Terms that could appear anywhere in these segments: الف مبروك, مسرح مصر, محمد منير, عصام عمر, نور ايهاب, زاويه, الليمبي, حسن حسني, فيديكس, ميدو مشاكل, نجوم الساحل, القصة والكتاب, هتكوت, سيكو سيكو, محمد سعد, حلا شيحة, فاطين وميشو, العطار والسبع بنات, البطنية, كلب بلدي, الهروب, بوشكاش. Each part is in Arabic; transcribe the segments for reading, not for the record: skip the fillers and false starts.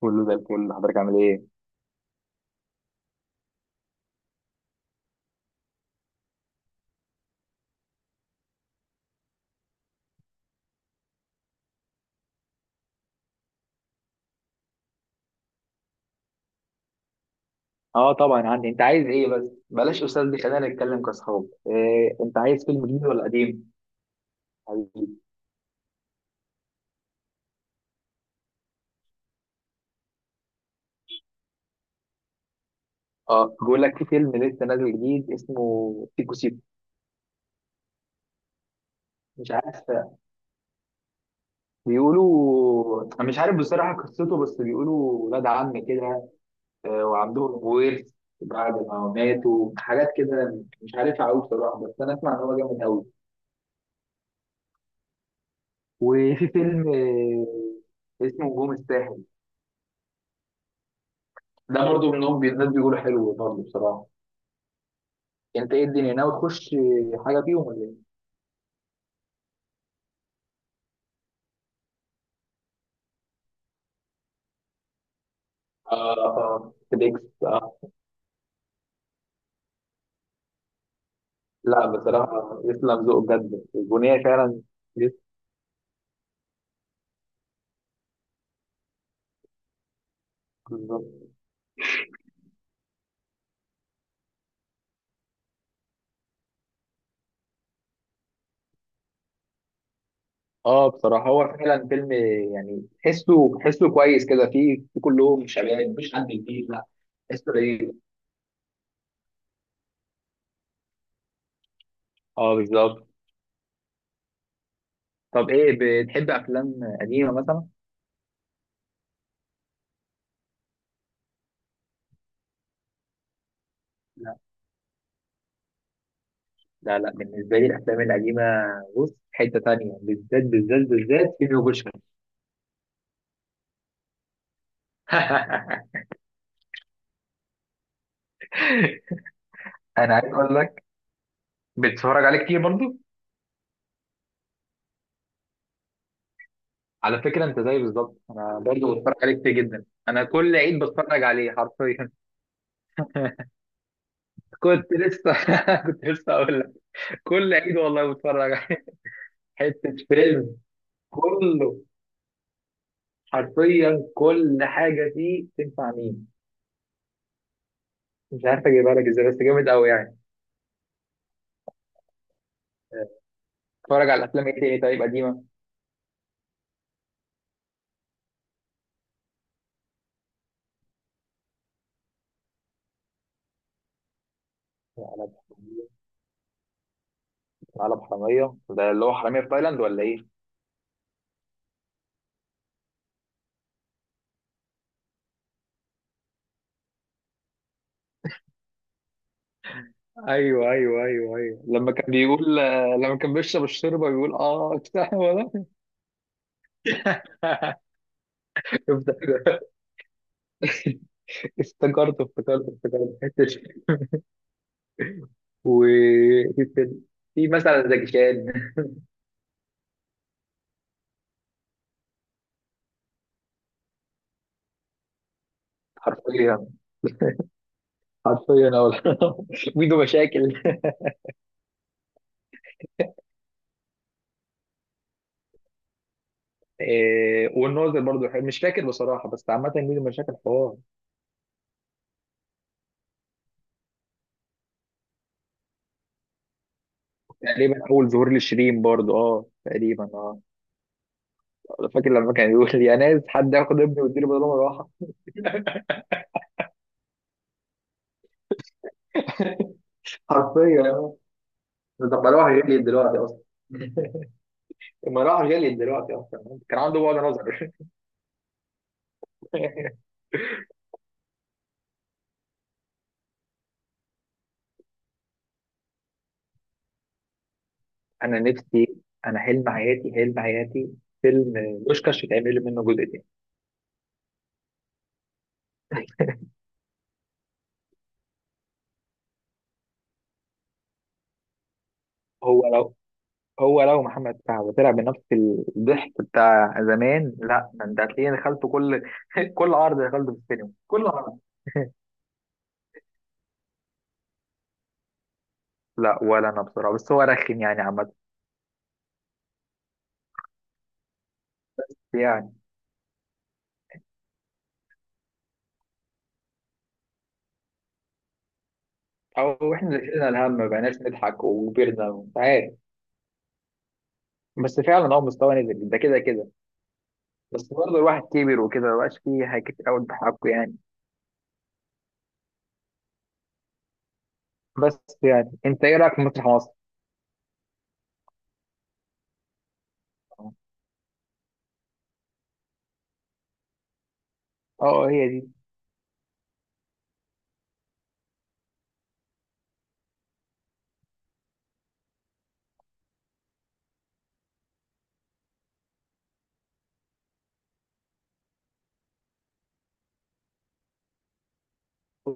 كله زي الفل، حضرتك عامل ايه؟ اه طبعا عندي. انت عايز ايه بس؟ بلاش استاذ دي، خلينا نتكلم كاصحاب. إيه، انت عايز فيلم جديد ولا قديم؟ حبيبي، اه بقول لك في فيلم لسه نازل جديد اسمه سيكو سيكو. مش عارف، بيقولوا، انا مش عارف بصراحه قصته، بس بيقولوا ولاد عم كده، وعندهم ورث بعد ما ماتوا، حاجات كده مش عارفها قوي بصراحه، بس انا اسمع ان هو جامد قوي. وفي فيلم اسمه نجوم الساحل، ده برضه منهم، الناس بيقولوا حلو برضه بصراحه. انت ايه، الدنيا ناوي تخش حاجه فيهم ولا ايه؟ آه فيديكس لا، بصراحة يسلم ذوق بجد، البنية فعلا يسلم ذوق. اه بصراحة هو فعلا فيلم يعني تحسه كويس كده، فيه في كلهم شباب مش حد جديد، لا تحسه لذيذ. اه بالظبط. طب ايه، بتحب افلام قديمة مثلا؟ لا، لا بالنسبة لي الافلام القديمة، بص حتة تانية، بالذات بالذات فيلم وبوشكاش. انا عايز اقول لك، بتتفرج عليه كتير برضو؟ على فكرة انت زي بالظبط، انا برضه بتفرج عليه كتير جدا، انا كل عيد بتفرج عليه حرفيا. كنت لسه، كنت لسه اقول لك، كل عيد والله بتفرج عليه. حتة فيلم، كله حرفيا كل حاجة فيه تنفع مين، مش عارف اجيبها لك ازاي، بس جامد قوي يعني. بتفرج على افلام ايه تاني طيب قديمة؟ على، حرامية ده اللي هو حرامية في تايلاند ولا ايه؟ ايوه، لما كان بيقول، لما كان بيشرب الشوربه بيقول بتاع ولا. شفت؟ افتكرت حته. وفي فيلم، في مثلا زكي شان. حرفيا، حرفيا. ميدو مشاكل. إيه، والناظر برضو حلو. مش فاكر بصراحه، بس عامه ميدو مشاكل حوار. تقريبا اول ظهور لشيرين برضو، اه تقريبا، اه فاكر لما كان يقول لي يا ناس، حد ياخد ابني ويديله بدل مروحه. حرفيا ده مروحه جالي دلوقتي اصلا. المروحه جالي دلوقتي اصلا، كان عنده بعد نظر. انا نفسي، انا حلم حياتي، حلم حياتي فيلم بوشكاش يتعمل منه جزء تاني. هو لو، محمد سعد طلع بنفس الضحك بتاع زمان، لا ده انت هتلاقيني دخلته كل، كل عرض دخلته في السينما، كل عرض. لا، ولا انا بصراحه، بس هو رخم يعني عامه، يعني. او احنا اللي شلنا الهم، ما بقيناش نضحك وكبرنا ومش عارف، بس فعلا هو مستوى نزل ده كده كده. بس برضه الواحد كبر وكده، مبقاش فيه حاجات كتير قوي بحقه يعني. بس يعني، انت ايه رايك في مسرح مصر؟ اه هي دي.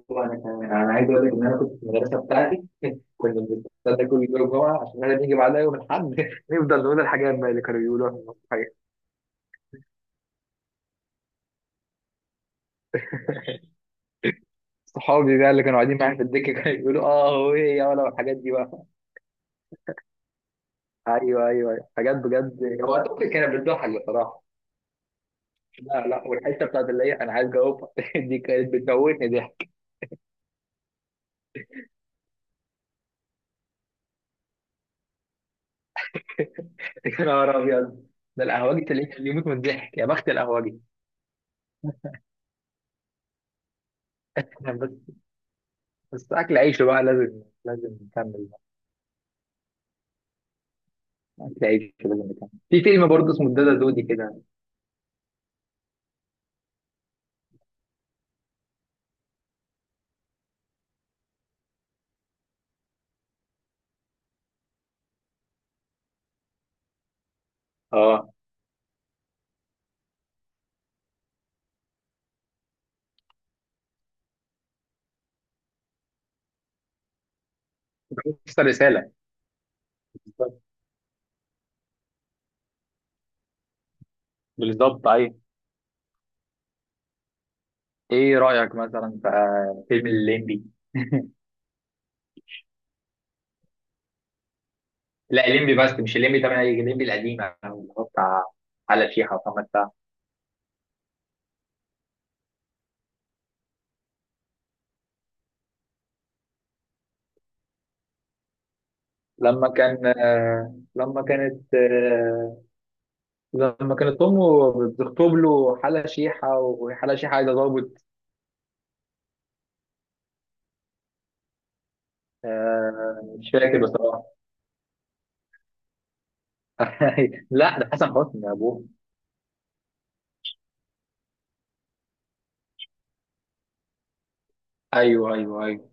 وانا كمان، انا عايز اقول لك ان انا كنت في المدرسه بتاعتي، كنا بنستنى كل يوم جمعه عشان احنا نيجي بعدها يوم الاحد. نفضل نقول الحاجات بقى اللي كانوا يقولوها في المسرحيه. صحابي بقى اللي كانوا قاعدين معايا في الدكه، كانوا يقولوا اه هو ايه يا ولا، والحاجات دي بقى. ايوه. حاجات بجد، هو اعتقد كانت بتضحك بصراحه. لا، والحته بتاعت اللي هي انا عايز اجاوبها، دي كانت بتموتني ضحك. يا نهار ابيض، ده القهوجي تلاقيه كان يموت من الضحك، يا بخت القهوجي. إحنا بس، بس اكل عيشه بقى، لازم نكمل. تعيش في، مكان. في فيلم برضه اسمه الدادا دودي كده، اه بس رسالة. بالظبط، بالظبط ايوه. ايه رأيك مثلا في فيلم الليمبي؟ لا الليمبي، بس مش الليمبي 8، الليمبي القديمة اللي هو بتاع حلا شيحة ومحمد سعد. لما كان لما كانت لما كانت امه بتخطب له حلا شيحة، وحلا شيحة عايزة ضابط. مش فاكر بصراحة. لا ده حسن حسني يا ابوه. ايوه.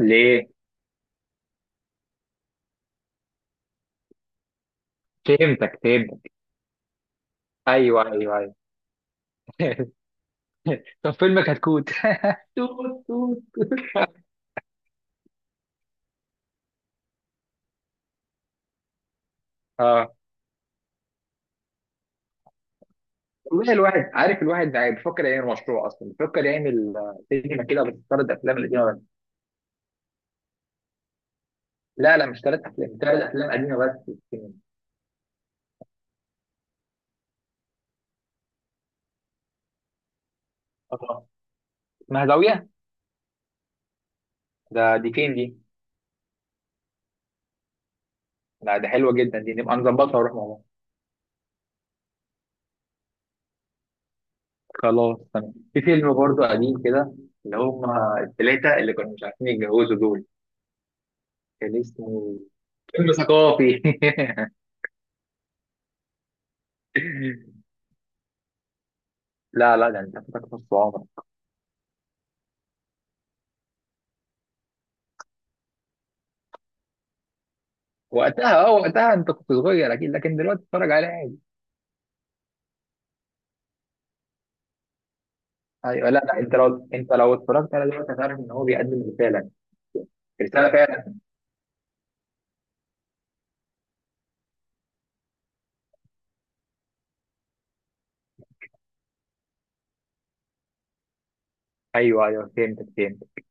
ليه؟ فهمتك. ايوه. طب فيلمك هتكوت. توت توت. اه والله الواحد عارف، الواحد يعني بيفكر يعمل مشروع، اصلا بيفكر يعمل سينما كده بس، 3 افلام قديمه بس. لا لا، مش 3 افلام، 3 افلام قديمه بس في السينما. اه اسمها زاويه؟ ده دي فين دي؟ لا ده حلوه جدا دي، نبقى نظبطها ونروح مع بعض. خلاص تمام. في فيلم برضه قديم كده، اللي هم الثلاثه اللي كانوا مش عارفين يتجوزوا دول، كان اسمه فيلم ثقافي. لا لا، ده انت فاتك نص عمرك. وقتها، وقتها انت كنت صغير اكيد، لكن دلوقتي اتفرج عليه عادي. ايوه، لا لا، انت لو، اتفرجت على دلوقتي هتعرف ان هو بيقدم رساله، رساله فعلا. ايوه فهمتك، فهمتك.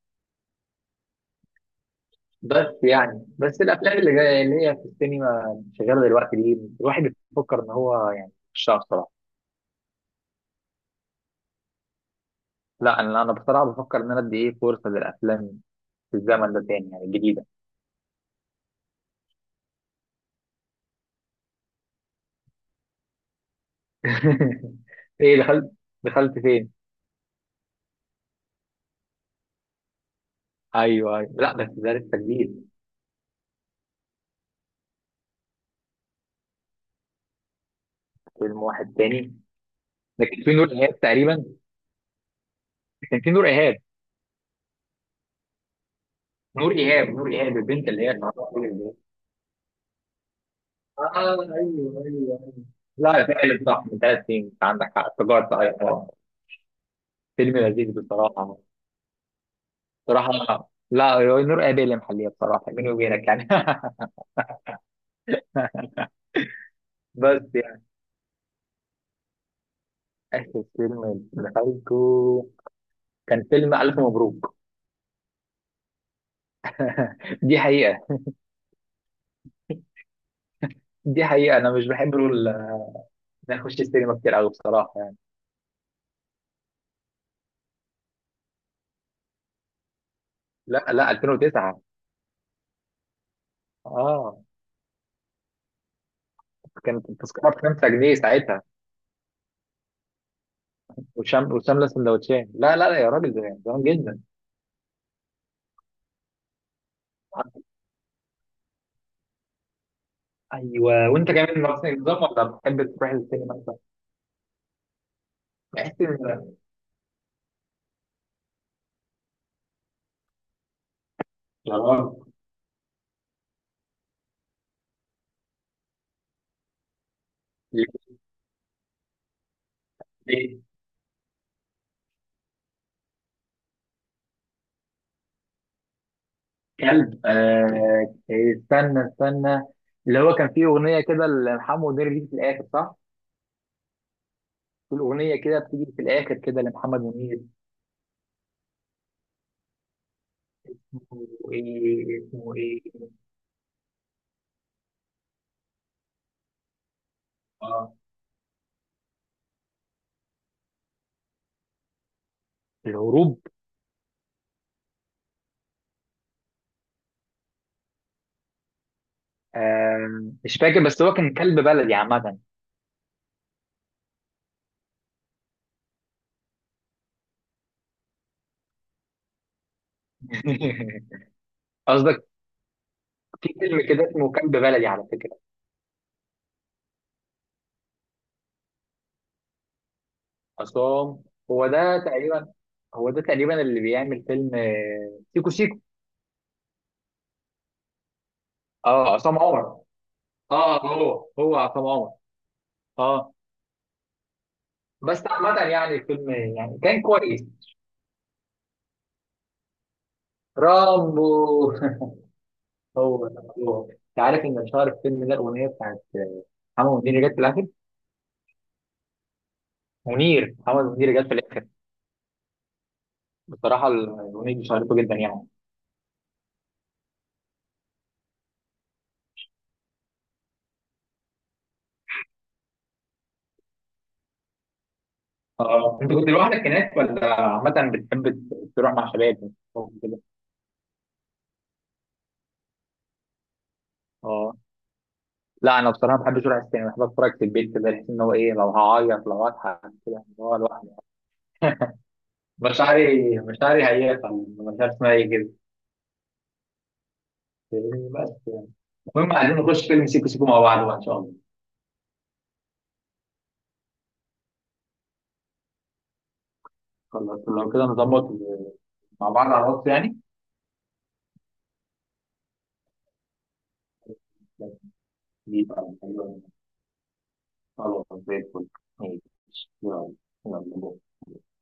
بس يعني، بس الافلام اللي جايه اللي هي في السينما شغاله دلوقتي دي، الواحد بيفكر ان هو يعني مش شاطر. لا، انا، بصراحه بفكر ان انا ادي ايه فرصه للافلام في الزمن ده تاني يعني، الجديده. ايه دخلت؟ دخلت فين؟ ايوه ايوه، لا بس ده لسه جديد. فيلم واحد تاني، لكن في نور ايهاب تقريبا، كان في نور ايهاب. نور ايهاب، نور ايهاب البنت اللي هي المعروفه دي. اه ايوه ايوه ايوه. لا فعلا صح، من 3 سنين، انت عندك حق، افتكرت ايوه. فيلم لذيذ بصراحه. بصراحه، لا هو نور ايهاب اللي محليه بصراحه، بيني وبينك يعني. بس يعني، اخر فيلم دخلته كان فيلم الف مبروك. دي حقيقه، دي حقيقه، انا مش بحب نخش السينما كتير قوي بصراحه يعني. لا لا 2009، اه كانت التذكره ب 5 جنيه ساعتها، وشام، وشامله سندوتشين. لا لا لا يا راجل، زمان زمان جدا. ايوه، وانت كمان نفس النظام ولا بتحب تروح السينما مثلا؟ بحس ان، اه إيه؟ كلب، استنى استنى. اللي هو كان فيه اغنيه كده لمحمد منير دي في الاخر صح؟ في الاغنيه كده بتيجي في الاخر كده لمحمد منير. اسمه، ايه اسمه، ايه اه الهروب؟ آه مش فاكر، بس هو كان كلب بلدي عامه. قصدك في فيلم كده اسمه كلب بلدي على فكره. عصام. هو ده تقريبا، هو ده تقريبا اللي بيعمل فيلم سيكو سيكو. اه عصام عمر. اه هو هو عصام عمر. اه بس عامة يعني الفيلم، يعني كان كويس. رامبو. هو، انت عارف ان اشهر الفيلم ده الاغنيه بتاعت محمد منير جت في الاخر. منير، محمد منير جت في الاخر. بصراحه الاغنيه دي شهرته جدا يعني. اه انت كنت لوحدك هناك، ولا عامة بتحب تروح مع شباب وكده؟ اه لا، انا بصراحه ما بحبش اروح السينما، بحب اتفرج في البيت كده، بحس ان هو ايه، لو هعيط لو هضحك كده، إن هو لوحدي. مشاعري، مشاعري هيافه مش عارف اسمها ايه كده، فاهمني؟ بس يعني، المهم عايزين نخش فيلم سيكو سيكو مع بعض بقى ان شاء الله. خلاص، لو كده نظبط مع بعض على الوقت يعني. بس دي بقى حلوة. خلاص زي الفل. ماشي. يلا. يلا.